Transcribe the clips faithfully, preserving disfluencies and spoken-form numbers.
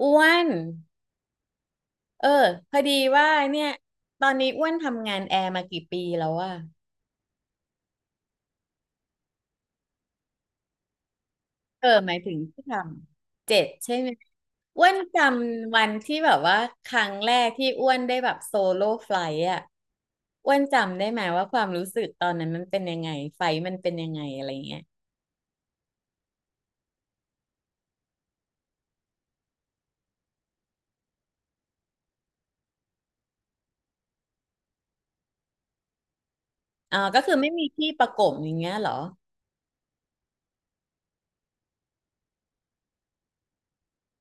อ้วนเออพอดีว่าเนี่ยตอนนี้อ้วนทำงานแอร์มากี่ปีแล้วอะเออหมายถึงที่ทำเจ็ดใช่ไหมอ้วนจำวันที่แบบว่าครั้งแรกที่อ้วนได้แบบโซโล่ไฟล์อะอ้วนจำได้ไหมว่าความรู้สึกตอนนั้นมันเป็นยังไงไฟล์มันเป็นยังไงอะไรเงี้ยอ๋อก็คือไม่มีที่ประกบอย่างเงี้ยเหรอ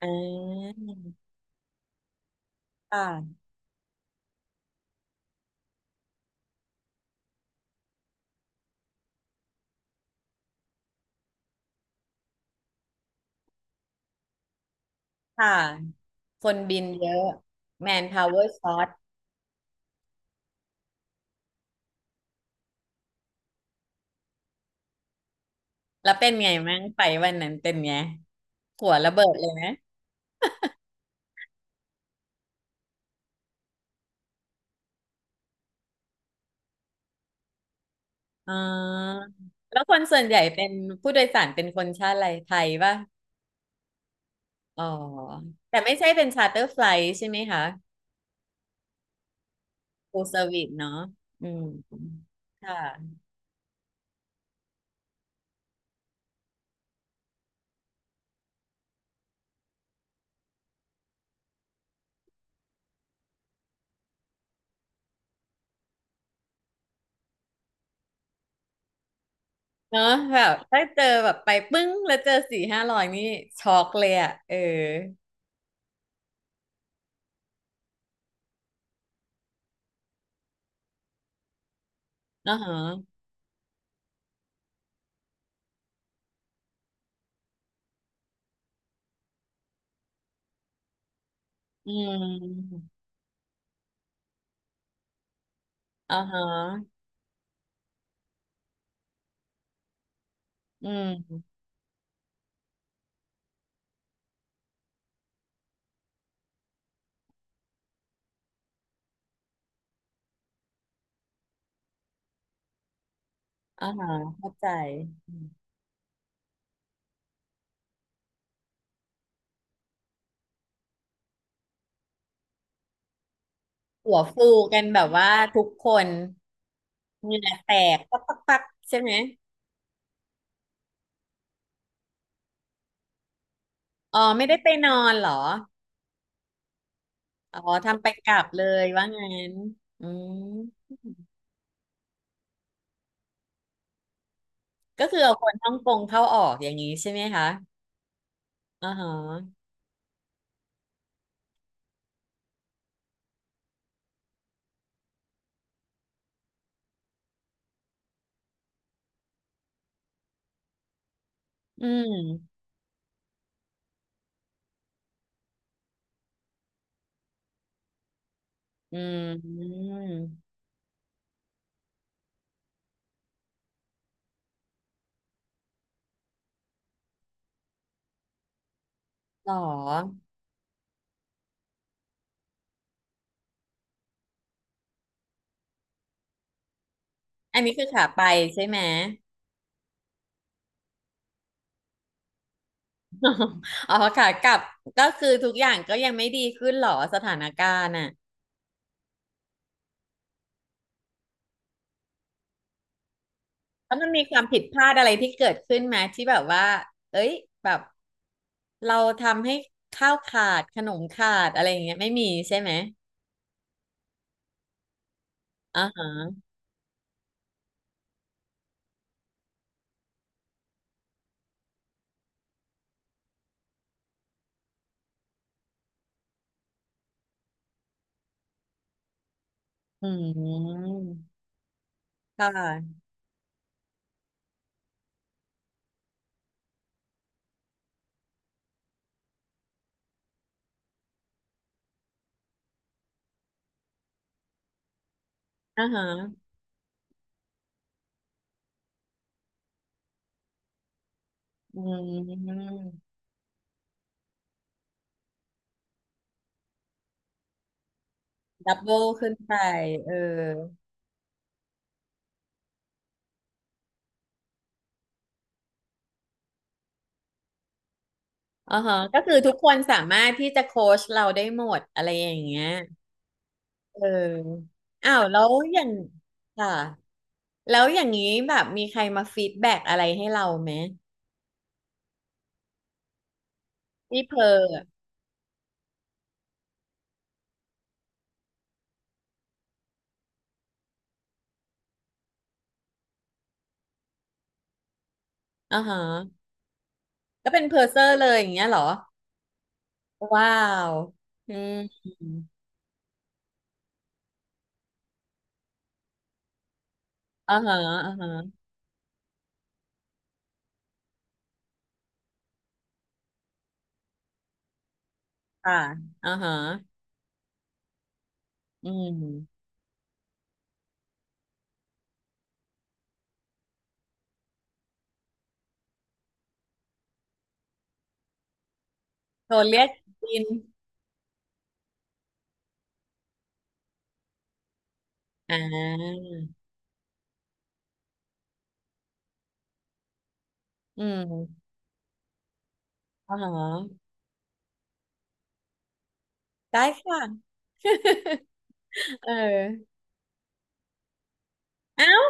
อ่าค่ะค่ะคนบินเยอะแมนพาวเวอร์ช็อต แล้วเป็นไงมั่งไฟวันนั้นเป็นไงหัวระเบิดเลยไหมอ๋อแล้วคนส่วนใหญ่เป็นผู้โดยสารเป็นคนชาติอะไรไทยป่ะอ๋อแต่ไม่ใช่เป็นชาร์เตอร์ไฟล์ใช่ไหมคะฟูลเซอร์วิสเนาะอืมค่ะเนาะแบบถ้าเจอแบบไปปึ้งแล้วเจอสี่ห้าร้อยนี่ช็อกเลยอ่ะเอออ่าฮะอืมอ่าฮะอืมอ่าฮะเข้าใจหัวฟูกันแบบว่าทุกคน เหงื่อแตกปักปักปักใช่ไหมอ๋อไม่ได้ไปนอนเหรออ๋อทำไปกลับเลยว่างั้นอืมก็คือเอาคนฮ่องกงเข้าออกอย่างนี้ใช่ไหมคะอ๋อฮะอืมอืมหรออันนี้คือขาไปใช่ไหม อ๋อขากลับก็คือทุกอย่างก็ยังไม่ดีขึ้นเหรอสถานการณ์อ่ะ แล้วมันมีความผิดพลาดอะไรที่เกิดขึ้นไหมที่แบบว่าเอ้ยแบบเราทำให้ข้าวขาดขนมขาดอะไรอย่างเงี้ยไม่มีใช่ไหมอ่าฮะอืมค่ะอ่าฮะอืมดับเบิลขึ้นไปเอออ่าฮะก็คือทุกคนสามารถที่จะโค้ชเราได้หมดอะไรอย่างเงี้ยเอออ้าวแล้วอย่างค่ะแล้วอย่างนี้แบบมีใครมาฟีดแบ็กอะไรให้เราไหมพี่เพอ อ่าฮะก็เป็นเพอร์เซอร์เลยอย่างเงี้ยเหรอว้าวอืมอ่าฮะอ่าฮะค่ะอ่าฮะอืมโทรเรียกอินอ่าอืมอ่าฮะได้ค่ะเออเอ้า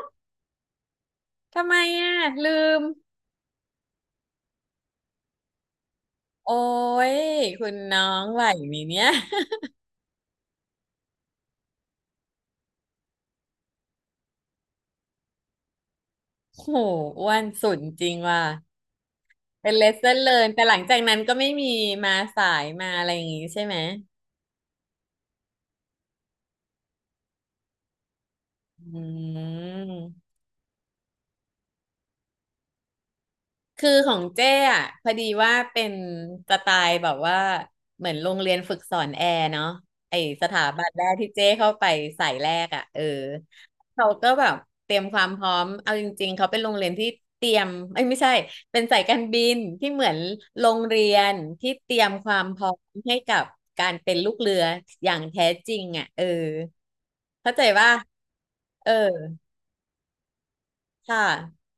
ทำไมอ่ะลืมโอ้ยคุณน้องไหวไหมเนี่ย โหอ้วนสุดจริงว่ะเป็นเลสเ o อร์เลินแต่หลังจากนั้นก็ไม่มีมาสายมาอะไรอย่างงี้ใช่ไหมอืม คือของเจ้อ่ะพอดีว่าเป็นสไตล์แบบว่าเหมือนโรงเรียนฝึกสอนแอร์เนาะไอสถาบันแรกที่เจ้เข้าไปสายแรกอ่ะเออเขาก็แบบเตรียมความพร้อมเอาจริงๆเขาเป็นโรงเรียนที่เตรียมเอ้ยไม่ใช่เป็นสายการบินที่เหมือนโรงเรียนที่เตรียมความพร้อมให้กับการเป็นลูกเรืออย่างแท้จริงอ่ะเออเข้าใจว่าเออค่ะ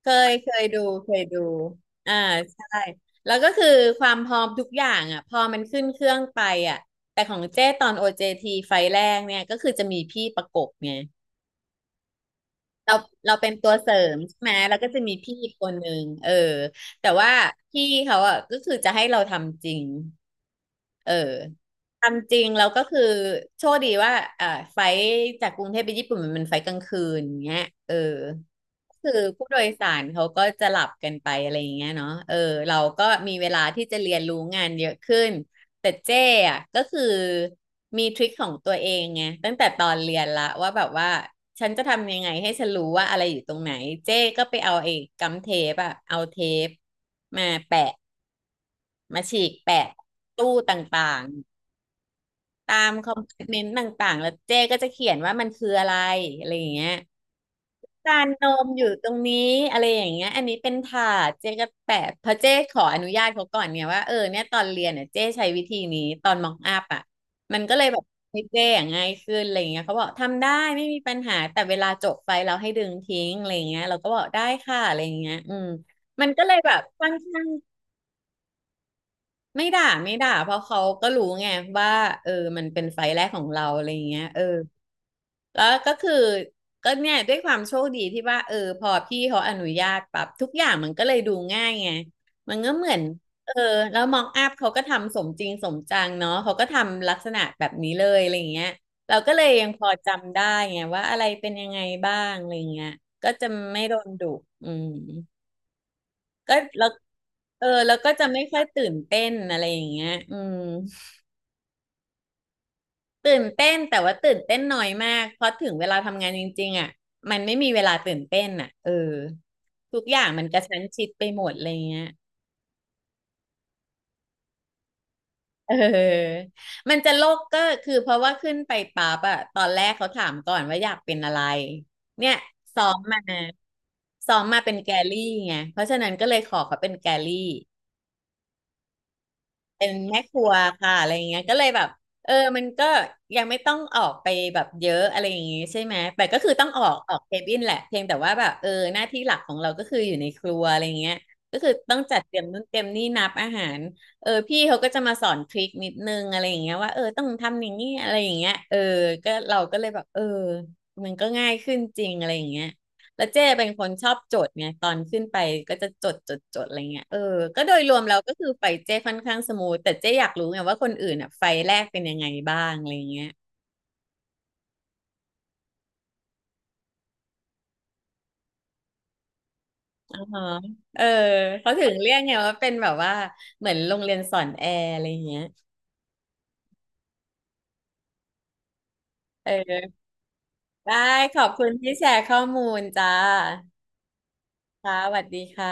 เคยเคยดูเคยดูอ่าใช่แล้วก็คือความพร้อมทุกอย่างอ่ะพอมันขึ้นเครื่องไปอ่ะแต่ของเจ้ตอน โอ เจ ที ไฟล์แรกเนี่ยก็คือจะมีพี่ประกบไง เราเราเป็นตัวเสริมใช่ไหมแล้วก็จะมีพี่อีกคนหนึ่งเออแต่ว่าพี่เขาอ่ะก็คือจะให้เราทำจริงเออทำจริงแล้วก็คือโชคดีว่าเอ่อไฟล์จากกรุงเทพไปญี่ปุ่นมันเป็นไฟล์กลางคืนอย่างเงี้ยเออคือผู้โดยสารเขาก็จะหลับกันไปอะไรอย่างเงี้ยเนาะเออเราก็มีเวลาที่จะเรียนรู้งานเยอะขึ้น แต่เจ้อะก็คือมีทริคของตัวเองไงตั้งแต่ตอนเรียนละว่าแบบว่าฉันจะทำยังไงให้ฉันรู้ว่าอะไรอยู่ตรงไหนเจ้ก็ไปเอาไอ้กัมเทปอะเอาเทปมาแปะมาฉีกแปะตู้ต่างๆตามคอมเมนต์ต่างๆแล้วเจ้ก็จะเขียนว่ามันคืออะไรอะไรอย่างเงี้ย จานนมอยู่ตรงนี้อะไรอย่างเงี้ยอันนี้เป็นถาดเจ๊ก็แปะเพราะเจ๊ขออนุญาตเขาก่อนเนี่ยว่าเออเนี่ยตอนเรียนเนี่ยเจ๊ใช้วิธีนี้ตอนมองอัพอ่ะมันก็เลยแบบให้เจ๊อย่างง่ายขึ้นอะไรอย่างเงี้ยเขาบอกทำได้ไม่มีปัญหาแต่เวลาจบไฟเราให้ดึงทิ้งอะไรอย่างเงี้ยเราก็บอกได้ค่ะอะไรอย่างเงี้ยอืมมันก็เลยแบบค่อนข้าง ไม่ด่าไม่ด่าเพราะเขาก็รู้ไงว่าเออมันเป็นไฟล์แรกของเราอะไรอย่างเงี้ยเออแล้วก็คือก็เนี่ยด้วยความโชคดีที่ว่าเออพอพี่เขาอนุญาตปรับทุกอย่างมันก็เลยดูง่ายไงมันก็เหมือนเออแล้วมองอัพเขาก็ทำสมจริงสมจังเนาะเขาก็ทำลักษณะแบบนี้เลยอะไรอย่างเงี้ยเราก็เลยยังพอจำได้ไงว่าอะไรเป็นยังไงบ้างอะไรอย่างเงี้ยก็จะไม่โดนดุอืม ก็แล้วเออแล้วก็จะไม่ค่อยตื่นเต้นอะไรอย่างเงี้ยอืมตื่นเต้นแต่ว่าตื่นเต้นน้อยมากเพราะถึงเวลาทำงานจริงๆอ่ะมันไม่มีเวลาตื่นเต้นอ่ะเออทุกอย่างมันกระชั้นชิดไปหมดอะไรเงี้ยเออมันจะโลกก็คือเพราะว่าขึ้นไปปั๊บอะตอนแรกเขาถามก่อนว่าอยากเป็นอะไรเนี่ยซ้อมมาซ้อมมาเป็นแกลลี่ไงเพราะฉะนั้นก็เลยขอเขาเป็นแกลลี่ เป็นแม่ครัวค่ะอะไรอย่างเงี้ยก็เลยแบบเออมันก็ยังไม่ต้องออกไปแบบเยอะอะไรอย่างงี้ใช่ไหมแต่ก็คือต้องออกออกเคบินแหละเพียงแต่ว่าแบบเออหน้าที่หลักของเราก็คืออยู่ในครัวอะไรอย่างเงี้ยก็คือต้องจัดเตรียมนู่นเตรียมนี่นับอาหารเออพี่เขาก็จะมาสอนทริคนิดนึงอะไรอย่างเงี้ยว่าเออต้องทำอย่างนี้อะไรอย่างเงี้ยเออก็เราก็เลยแบบเออมันก็ง่ายขึ้นจริงอะไรอย่างเงี้ย แล้วเจ้เป็นคนชอบจดไงตอนขึ้นไปก็จะจดจดจดอะไรเงี้ยเออก็โดยรวมเราก็คือไฟเจ้ค่อนข้างสมูทแต่เจ้อยากรู้ไงว่าคนอื่นอ่ะไฟแรกเป็นยังไงบ้างอะไรเงี้ยอ๋อเออเขาถึงเรียกไงว่าเป็นแบบว่าเหมือนโรงเรียนสอนแอร์อะไรเงี้ยเออได้ขอบคุณที่แชร์ข้อมูลจ้าค่ะสวัสดีค่ะ